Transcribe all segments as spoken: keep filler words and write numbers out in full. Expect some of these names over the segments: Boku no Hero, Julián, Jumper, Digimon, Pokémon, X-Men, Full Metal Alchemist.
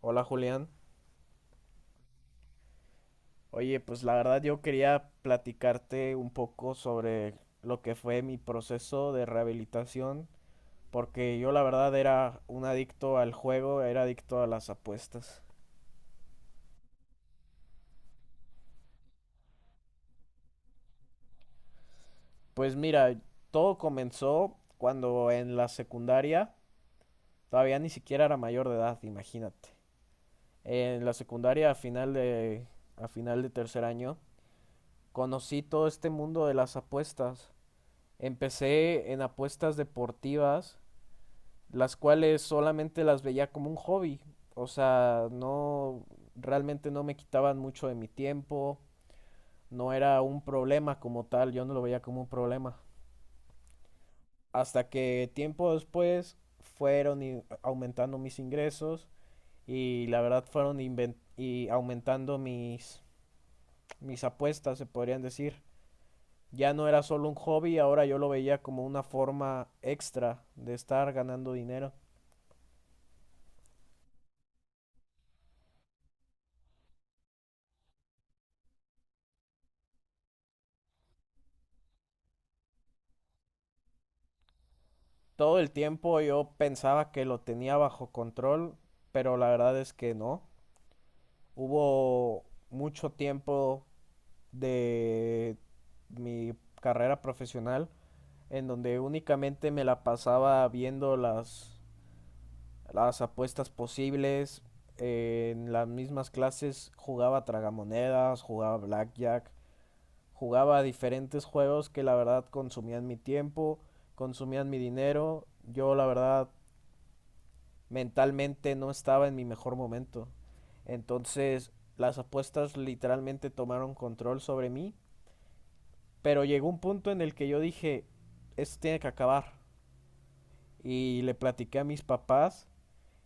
Hola, Julián. Oye, pues la verdad yo quería platicarte un poco sobre lo que fue mi proceso de rehabilitación, porque yo la verdad era un adicto al juego, era adicto a las apuestas. Pues mira, todo comenzó cuando en la secundaria, todavía ni siquiera era mayor de edad, imagínate. En la secundaria a final de a final de tercer año conocí todo este mundo de las apuestas. Empecé en apuestas deportivas, las cuales solamente las veía como un hobby. O sea, no, realmente no me quitaban mucho de mi tiempo, no era un problema como tal, yo no lo veía como un problema. Hasta que tiempo después fueron i- aumentando mis ingresos y la verdad fueron inven- y aumentando mis, mis apuestas, se podrían decir. Ya no era solo un hobby, ahora yo lo veía como una forma extra de estar ganando dinero. Todo el tiempo yo pensaba que lo tenía bajo control, pero la verdad es que no. Hubo mucho tiempo de mi carrera profesional en donde únicamente me la pasaba viendo las, las apuestas posibles. Eh, en las mismas clases jugaba tragamonedas, jugaba blackjack, jugaba diferentes juegos que la verdad consumían mi tiempo, consumían mi dinero. Yo la verdad mentalmente no estaba en mi mejor momento. Entonces, las apuestas literalmente tomaron control sobre mí, pero llegó un punto en el que yo dije, esto tiene que acabar. Y le platiqué a mis papás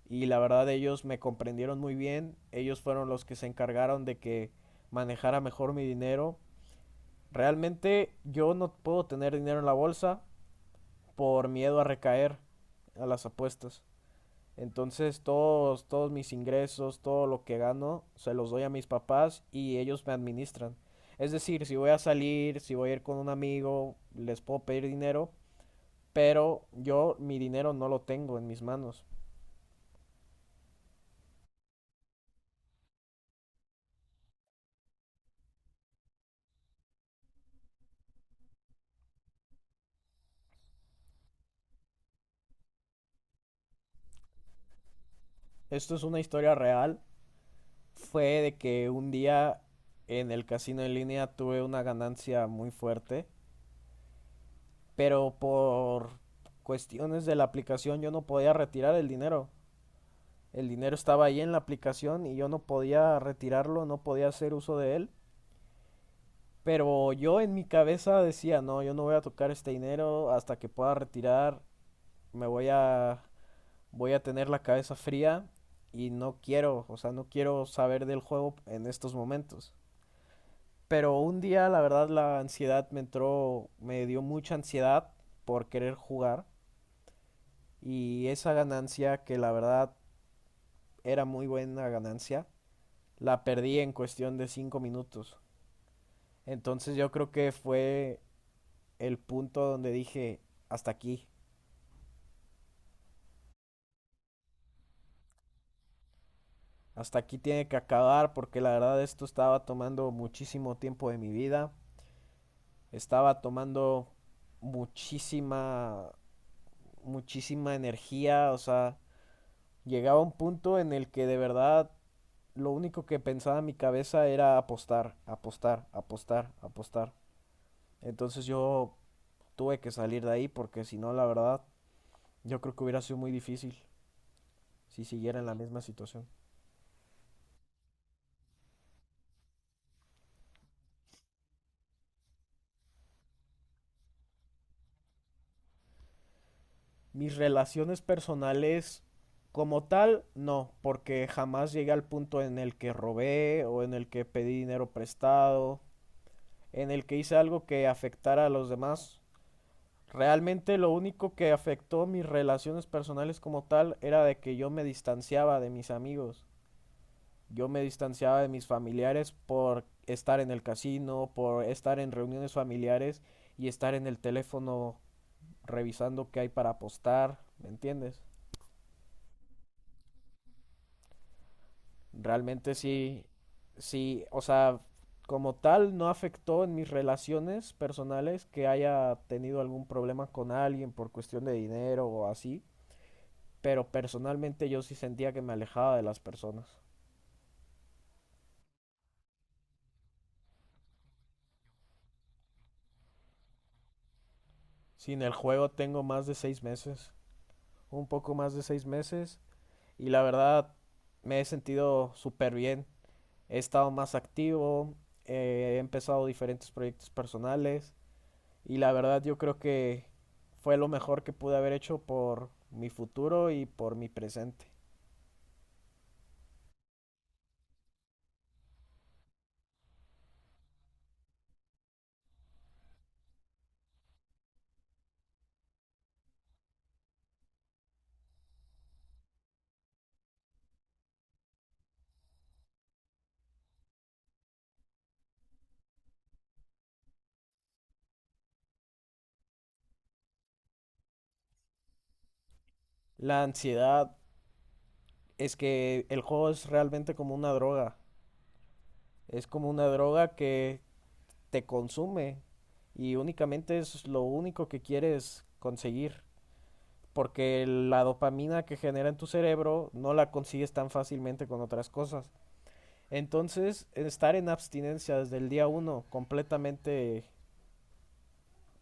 y la verdad ellos me comprendieron muy bien, ellos fueron los que se encargaron de que manejara mejor mi dinero. Realmente yo no puedo tener dinero en la bolsa por miedo a recaer a las apuestas. Entonces todos, todos mis ingresos, todo lo que gano, se los doy a mis papás y ellos me administran. Es decir, si voy a salir, si voy a ir con un amigo, les puedo pedir dinero, pero yo mi dinero no lo tengo en mis manos. Esto es una historia real. Fue de que un día en el casino en línea tuve una ganancia muy fuerte, pero por cuestiones de la aplicación yo no podía retirar el dinero. El dinero estaba ahí en la aplicación y yo no podía retirarlo, no podía hacer uso de él. Pero yo en mi cabeza decía, no, yo no voy a tocar este dinero hasta que pueda retirar. Me voy a, Voy a tener la cabeza fría y no quiero, o sea, no quiero saber del juego en estos momentos. Pero un día, la verdad, la ansiedad me entró, me dio mucha ansiedad por querer jugar y esa ganancia, que la verdad era muy buena ganancia, la perdí en cuestión de cinco minutos. Entonces yo creo que fue el punto donde dije, hasta aquí. Hasta aquí tiene que acabar porque la verdad esto estaba tomando muchísimo tiempo de mi vida, estaba tomando muchísima, muchísima energía, o sea, llegaba un punto en el que de verdad lo único que pensaba en mi cabeza era apostar, apostar, apostar, apostar. Entonces yo tuve que salir de ahí porque si no, la verdad, yo creo que hubiera sido muy difícil si siguiera en la misma situación. Mis relaciones personales como tal, no, porque jamás llegué al punto en el que robé o en el que pedí dinero prestado, en el que hice algo que afectara a los demás. Realmente lo único que afectó mis relaciones personales como tal era de que yo me distanciaba de mis amigos. Yo me distanciaba de mis familiares por estar en el casino, por estar en reuniones familiares y estar en el teléfono revisando qué hay para apostar, ¿me entiendes? Realmente sí, sí, o sea, como tal no afectó en mis relaciones personales que haya tenido algún problema con alguien por cuestión de dinero o así, pero personalmente yo sí sentía que me alejaba de las personas. Sin el juego tengo más de seis meses, un poco más de seis meses, y la verdad me he sentido súper bien. He estado más activo. Eh, he empezado diferentes proyectos personales. Y la verdad yo creo que fue lo mejor que pude haber hecho por mi futuro y por mi presente. La ansiedad es que el juego es realmente como una droga. Es como una droga que te consume y únicamente es lo único que quieres conseguir. Porque la dopamina que genera en tu cerebro no la consigues tan fácilmente con otras cosas. Entonces, estar en abstinencia desde el día uno, completamente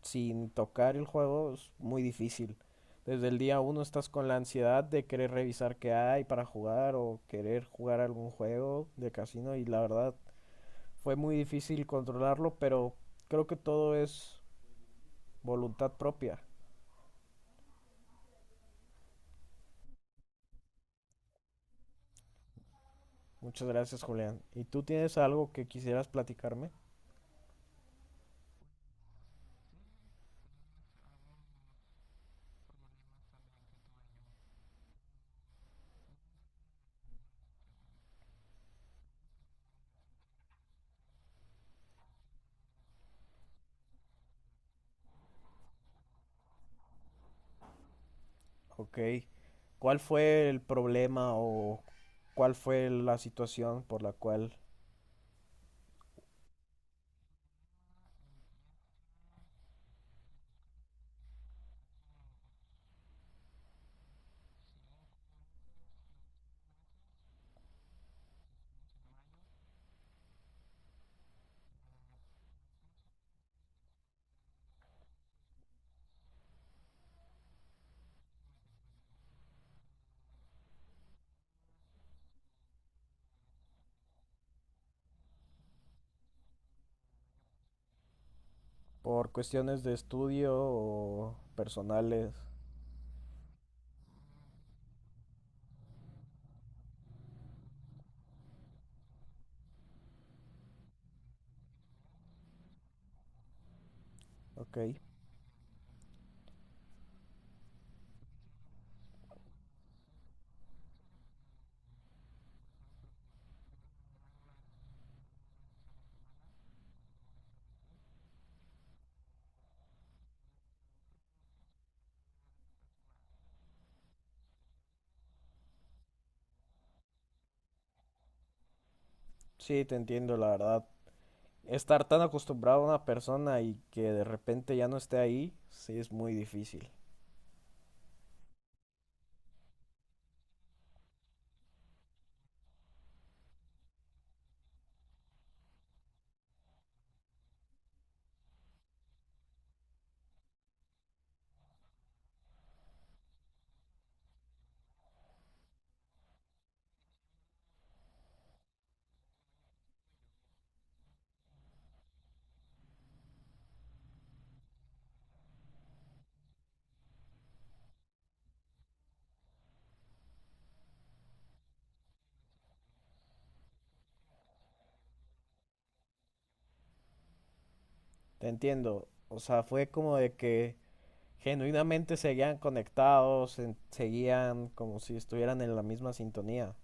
sin tocar el juego es muy difícil. Desde el día uno estás con la ansiedad de querer revisar qué hay para jugar o querer jugar algún juego de casino y la verdad fue muy difícil controlarlo, pero creo que todo es voluntad propia. Muchas gracias, Julián. ¿Y tú tienes algo que quisieras platicarme? Ok. ¿Cuál fue el problema o cuál fue la situación por la cual, por cuestiones de estudio o personales? Ok. Sí, te entiendo, la verdad. Estar tan acostumbrado a una persona y que de repente ya no esté ahí, sí es muy difícil. Te entiendo. O sea, fue como de que genuinamente seguían conectados, en- seguían como si estuvieran en la misma sintonía.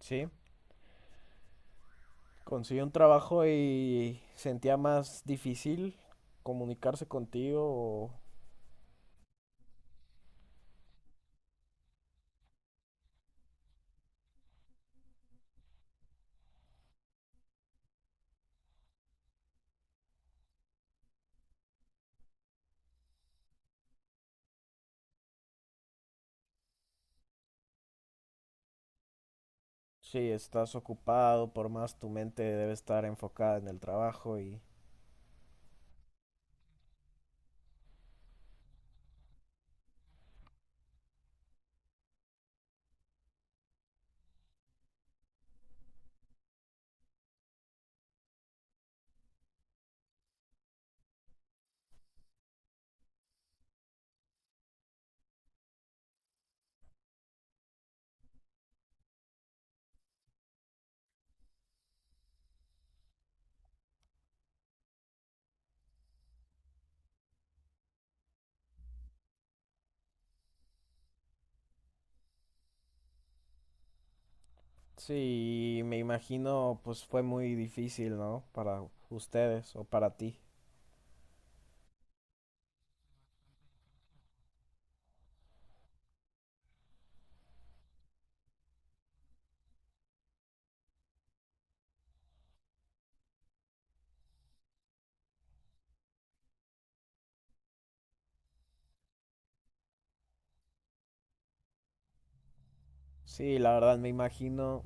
Sí, conseguí un trabajo y sentía más difícil comunicarse contigo o si estás ocupado, por más tu mente debe estar enfocada en el trabajo y sí, me imagino, pues fue muy difícil, ¿no? Para ustedes o para ti. Sí, la verdad, me imagino.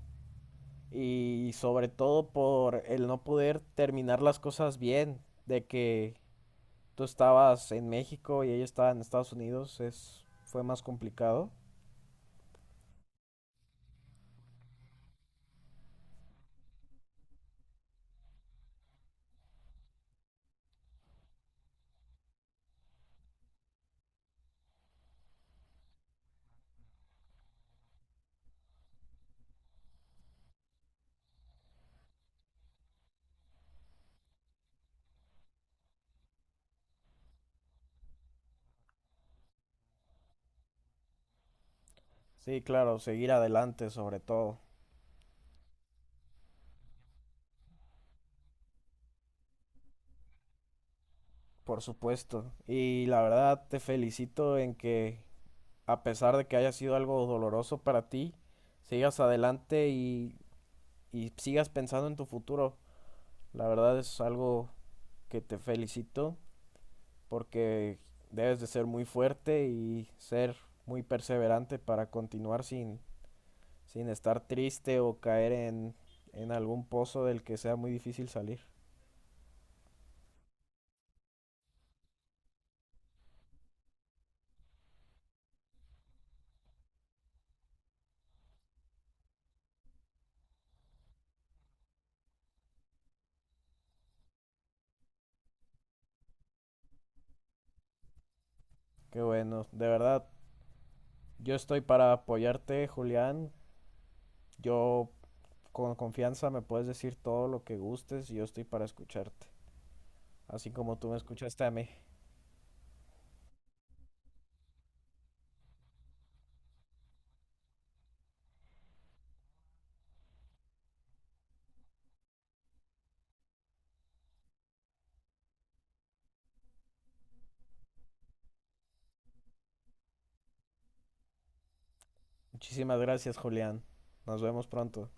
Y sobre todo por el no poder terminar las cosas bien, de que tú estabas en México y ella estaba en Estados Unidos, es, fue más complicado. Sí, claro, seguir adelante sobre todo, por supuesto. Y la verdad, te felicito en que, a pesar de que haya sido algo doloroso para ti, sigas adelante y y sigas pensando en tu futuro. La verdad es algo que te felicito porque debes de ser muy fuerte y ser muy perseverante para continuar sin, sin estar triste o caer en, en algún pozo del que sea muy difícil salir. Qué bueno, de verdad, yo estoy para apoyarte, Julián. Yo con confianza me puedes decir todo lo que gustes y yo estoy para escucharte, así como tú me escuchaste a mí. Muchísimas gracias, Julián. Nos vemos pronto.